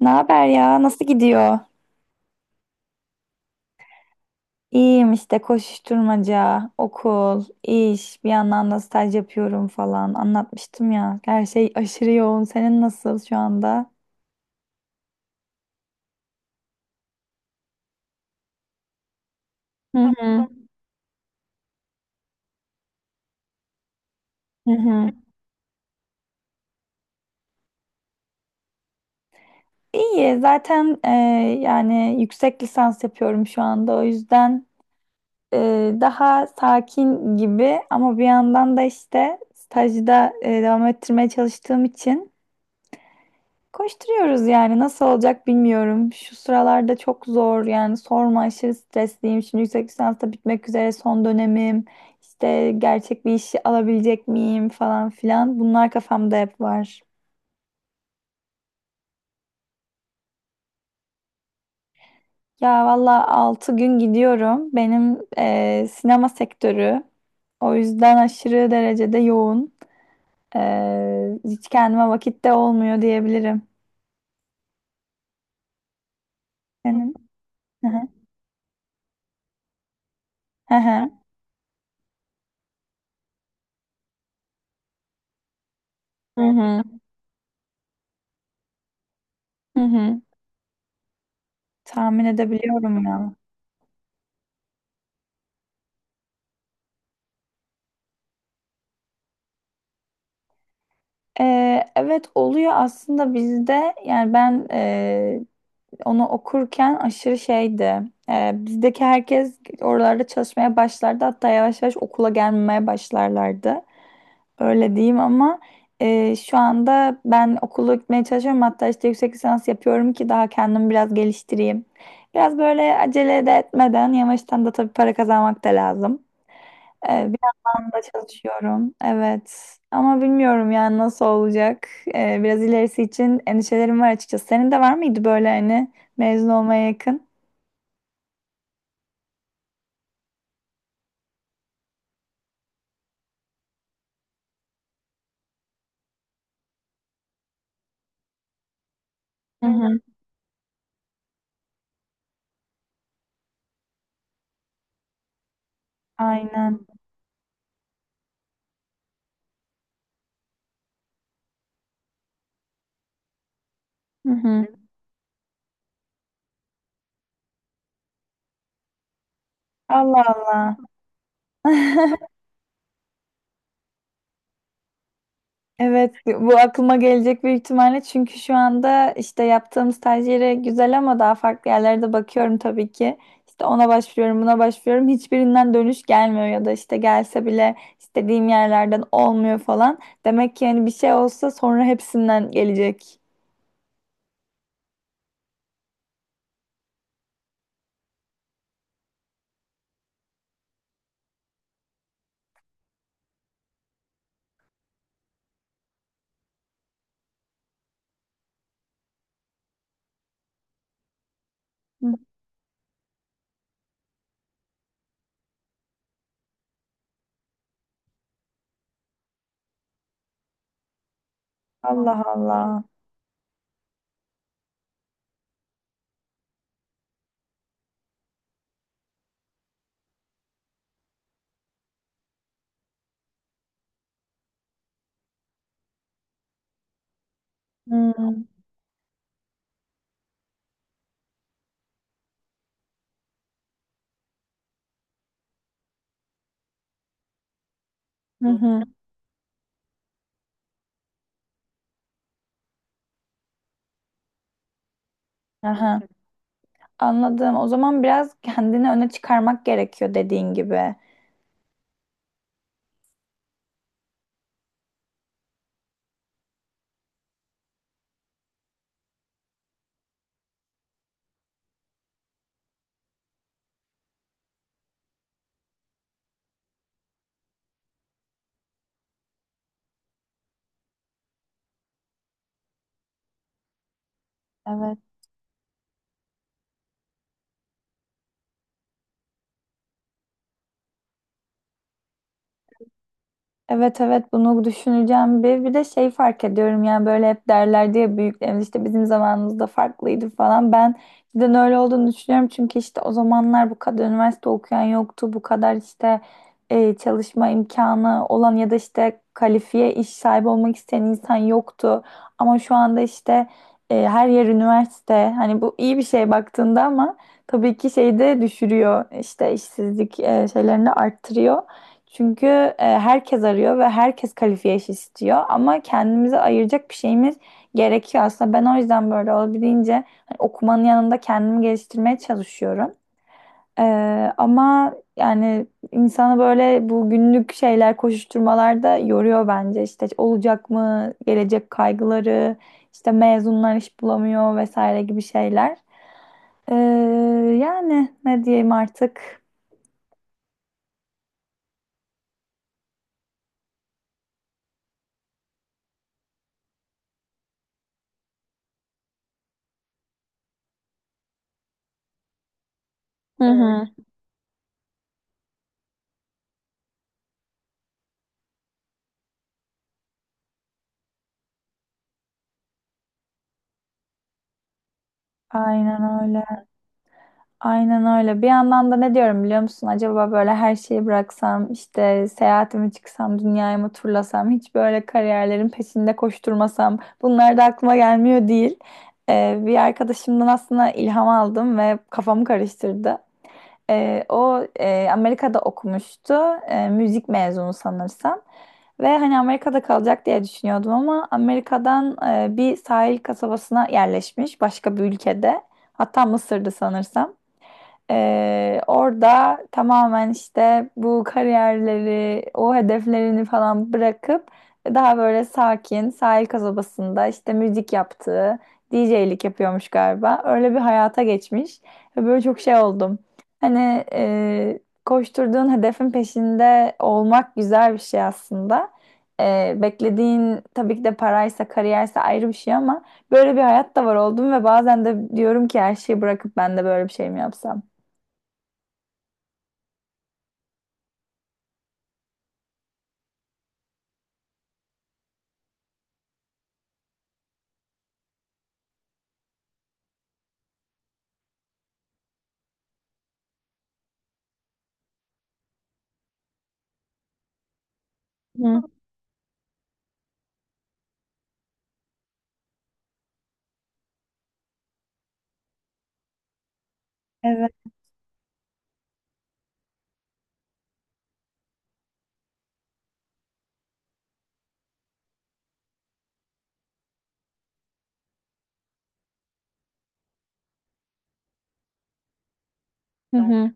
Ne haber ya? Nasıl gidiyor? İyiyim işte koşuşturmaca, okul, iş, bir yandan da staj yapıyorum falan. Anlatmıştım ya. Her şey aşırı yoğun. Senin nasıl şu anda? Hı hı. Hı hı. İyi. Yani yüksek lisans yapıyorum şu anda. O yüzden daha sakin gibi ama bir yandan da işte stajda devam ettirmeye çalıştığım için koşturuyoruz yani nasıl olacak bilmiyorum. Şu sıralarda çok zor yani sorma, aşırı stresliyim. Şimdi yüksek lisans da bitmek üzere, son dönemim. İşte gerçek bir işi alabilecek miyim falan filan. Bunlar kafamda hep var. Ya valla 6 gün gidiyorum. Benim sinema sektörü. O yüzden aşırı derecede yoğun. Hiç kendime vakit de olmuyor diyebilirim. Benim. Hı hı. Hı hı. Hı hı. Hı hı. Tahmin edebiliyorum ya. Evet oluyor aslında bizde, yani ben onu okurken aşırı şeydi. Bizdeki herkes oralarda çalışmaya başlardı, hatta yavaş yavaş okula gelmemeye başlarlardı. Öyle diyeyim ama şu anda ben okulu gitmeye çalışıyorum, hatta işte yüksek lisans yapıyorum ki daha kendimi biraz geliştireyim. Biraz böyle acele de etmeden yavaştan, da tabii para kazanmak da lazım da çalışıyorum. Evet. Ama bilmiyorum yani nasıl olacak. Biraz ilerisi için endişelerim var açıkçası. Senin de var mıydı böyle hani mezun olmaya yakın? Hı hı. Aynen. Hı hı. Allah Allah. Evet, bu aklıma gelecek büyük ihtimalle, çünkü şu anda işte yaptığım staj yeri güzel ama daha farklı yerlere de bakıyorum tabii ki. İşte ona başvuruyorum, buna başvuruyorum. Hiçbirinden dönüş gelmiyor ya da işte gelse bile istediğim yerlerden olmuyor falan. Demek ki hani bir şey olsa sonra hepsinden gelecek. Hı. Allah Allah. Hmm. Hı hı. Aha. Anladım. O zaman biraz kendini öne çıkarmak gerekiyor dediğin gibi. Evet. Evet evet, bunu düşüneceğim. Bir de şey fark ediyorum, yani böyle hep derlerdi ya büyüklerimiz, işte bizim zamanımızda farklıydı falan. Ben cidden öyle olduğunu düşünüyorum, çünkü işte o zamanlar bu kadar üniversite okuyan yoktu, bu kadar işte çalışma imkanı olan ya da işte kalifiye iş sahibi olmak isteyen insan yoktu. Ama şu anda işte her yer üniversite. Hani bu iyi bir şey baktığında, ama tabii ki şeyi de düşürüyor, işte işsizlik şeylerini de arttırıyor. Çünkü herkes arıyor ve herkes kalifiye iş istiyor, ama kendimize ayıracak bir şeyimiz gerekiyor aslında. Ben o yüzden böyle olabildiğince hani okumanın yanında kendimi geliştirmeye çalışıyorum. E, ama yani insanı böyle bu günlük şeyler, koşuşturmalar da yoruyor bence. İşte olacak mı, gelecek kaygıları, işte mezunlar iş bulamıyor vesaire gibi şeyler. E, yani ne diyeyim artık. Hı hı. Aynen öyle. Aynen öyle. Bir yandan da ne diyorum biliyor musun? Acaba böyle her şeyi bıraksam, işte seyahatimi çıksam, dünyayı mı turlasam, hiç böyle kariyerlerin peşinde koşturmasam, bunlar da aklıma gelmiyor değil. Bir arkadaşımdan aslında ilham aldım ve kafamı karıştırdı. Amerika'da okumuştu, müzik mezunu sanırsam. Ve hani Amerika'da kalacak diye düşünüyordum, ama Amerika'dan bir sahil kasabasına yerleşmiş başka bir ülkede. Hatta Mısır'dı sanırsam. Orada tamamen işte bu kariyerleri, o hedeflerini falan bırakıp daha böyle sakin sahil kasabasında işte müzik yaptığı, DJ'lik yapıyormuş galiba. Öyle bir hayata geçmiş ve böyle çok şey oldum. Hani koşturduğun hedefin peşinde olmak güzel bir şey aslında. Beklediğin tabii ki de paraysa, kariyerse ayrı bir şey, ama böyle bir hayat da var oldum ve bazen de diyorum ki her şeyi bırakıp ben de böyle bir şey mi yapsam? Hı. Evet. Hı hı.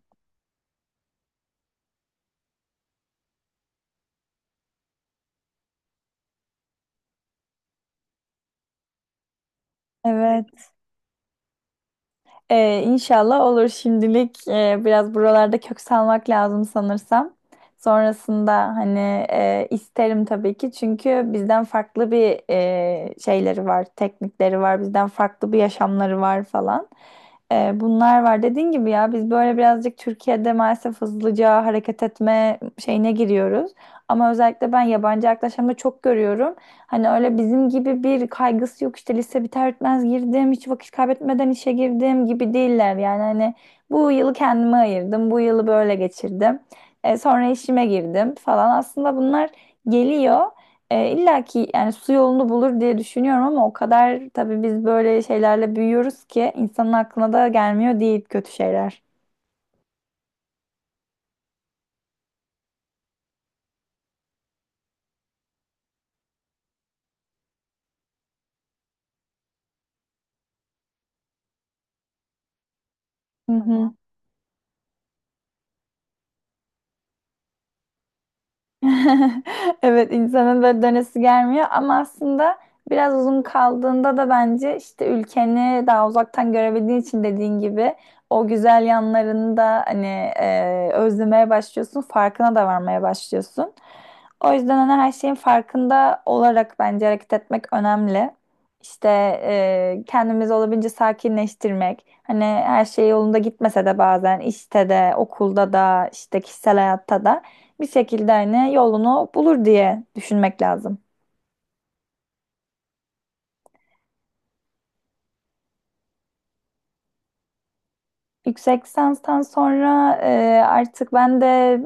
Evet. İnşallah olur. Şimdilik biraz buralarda kök salmak lazım sanırsam. Sonrasında hani isterim tabii ki, çünkü bizden farklı bir şeyleri var, teknikleri var, bizden farklı bir yaşamları var falan. Bunlar var. Dediğin gibi ya, biz böyle birazcık Türkiye'de maalesef hızlıca hareket etme şeyine giriyoruz. Ama özellikle ben yabancı yaklaşımda çok görüyorum. Hani öyle bizim gibi bir kaygısı yok, işte lise biter bitmez girdim, hiç vakit kaybetmeden işe girdim gibi değiller. Yani hani bu yılı kendime ayırdım, bu yılı böyle geçirdim. Sonra işime girdim falan. Aslında bunlar geliyor. İlla ki yani su yolunu bulur diye düşünüyorum, ama o kadar tabii biz böyle şeylerle büyüyoruz ki insanın aklına da gelmiyor değil kötü şeyler. Hı hı. Evet, insanın böyle dönesi gelmiyor ama aslında biraz uzun kaldığında da bence işte ülkeni daha uzaktan görebildiğin için, dediğin gibi o güzel yanlarını da hani özlemeye başlıyorsun, farkına da varmaya başlıyorsun. O yüzden hani her şeyin farkında olarak bence hareket etmek önemli. İşte kendimizi olabildiğince sakinleştirmek. Hani her şey yolunda gitmese de bazen işte de, okulda da, işte kişisel hayatta da bir şekilde hani yolunu bulur diye düşünmek lazım. Yüksek lisanstan sonra artık ben de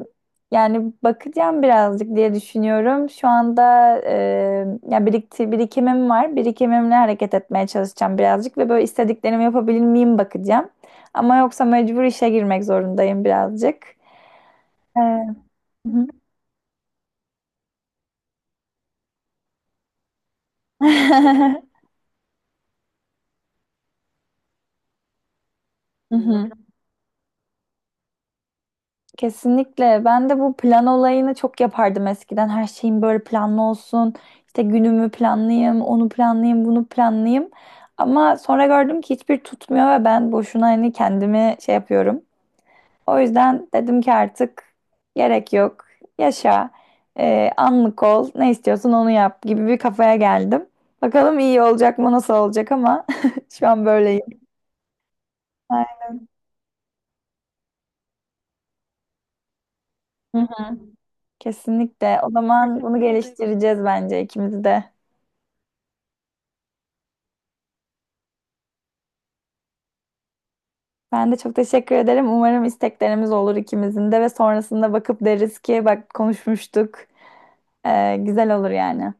yani bakacağım birazcık diye düşünüyorum. Şu anda e, ya birikti, birikimim var. Birikimimle hareket etmeye çalışacağım birazcık ve böyle istediklerimi yapabilir miyim bakacağım. Ama yoksa mecbur işe girmek zorundayım birazcık. E, hı hı. Kesinlikle. Ben de bu plan olayını çok yapardım eskiden. Her şeyim böyle planlı olsun. İşte günümü planlayayım, onu planlayayım, bunu planlayayım. Ama sonra gördüm ki hiçbir tutmuyor ve ben boşuna hani kendimi şey yapıyorum. O yüzden dedim ki artık gerek yok. Yaşa. Anlık ol. Ne istiyorsun onu yap gibi bir kafaya geldim. Bakalım iyi olacak mı, nasıl olacak, ama şu an böyleyim. Ay, kesinlikle. O zaman bunu geliştireceğiz bence ikimiz de. Ben de çok teşekkür ederim. Umarım isteklerimiz olur ikimizin de ve sonrasında bakıp deriz ki bak, konuşmuştuk. Güzel olur yani.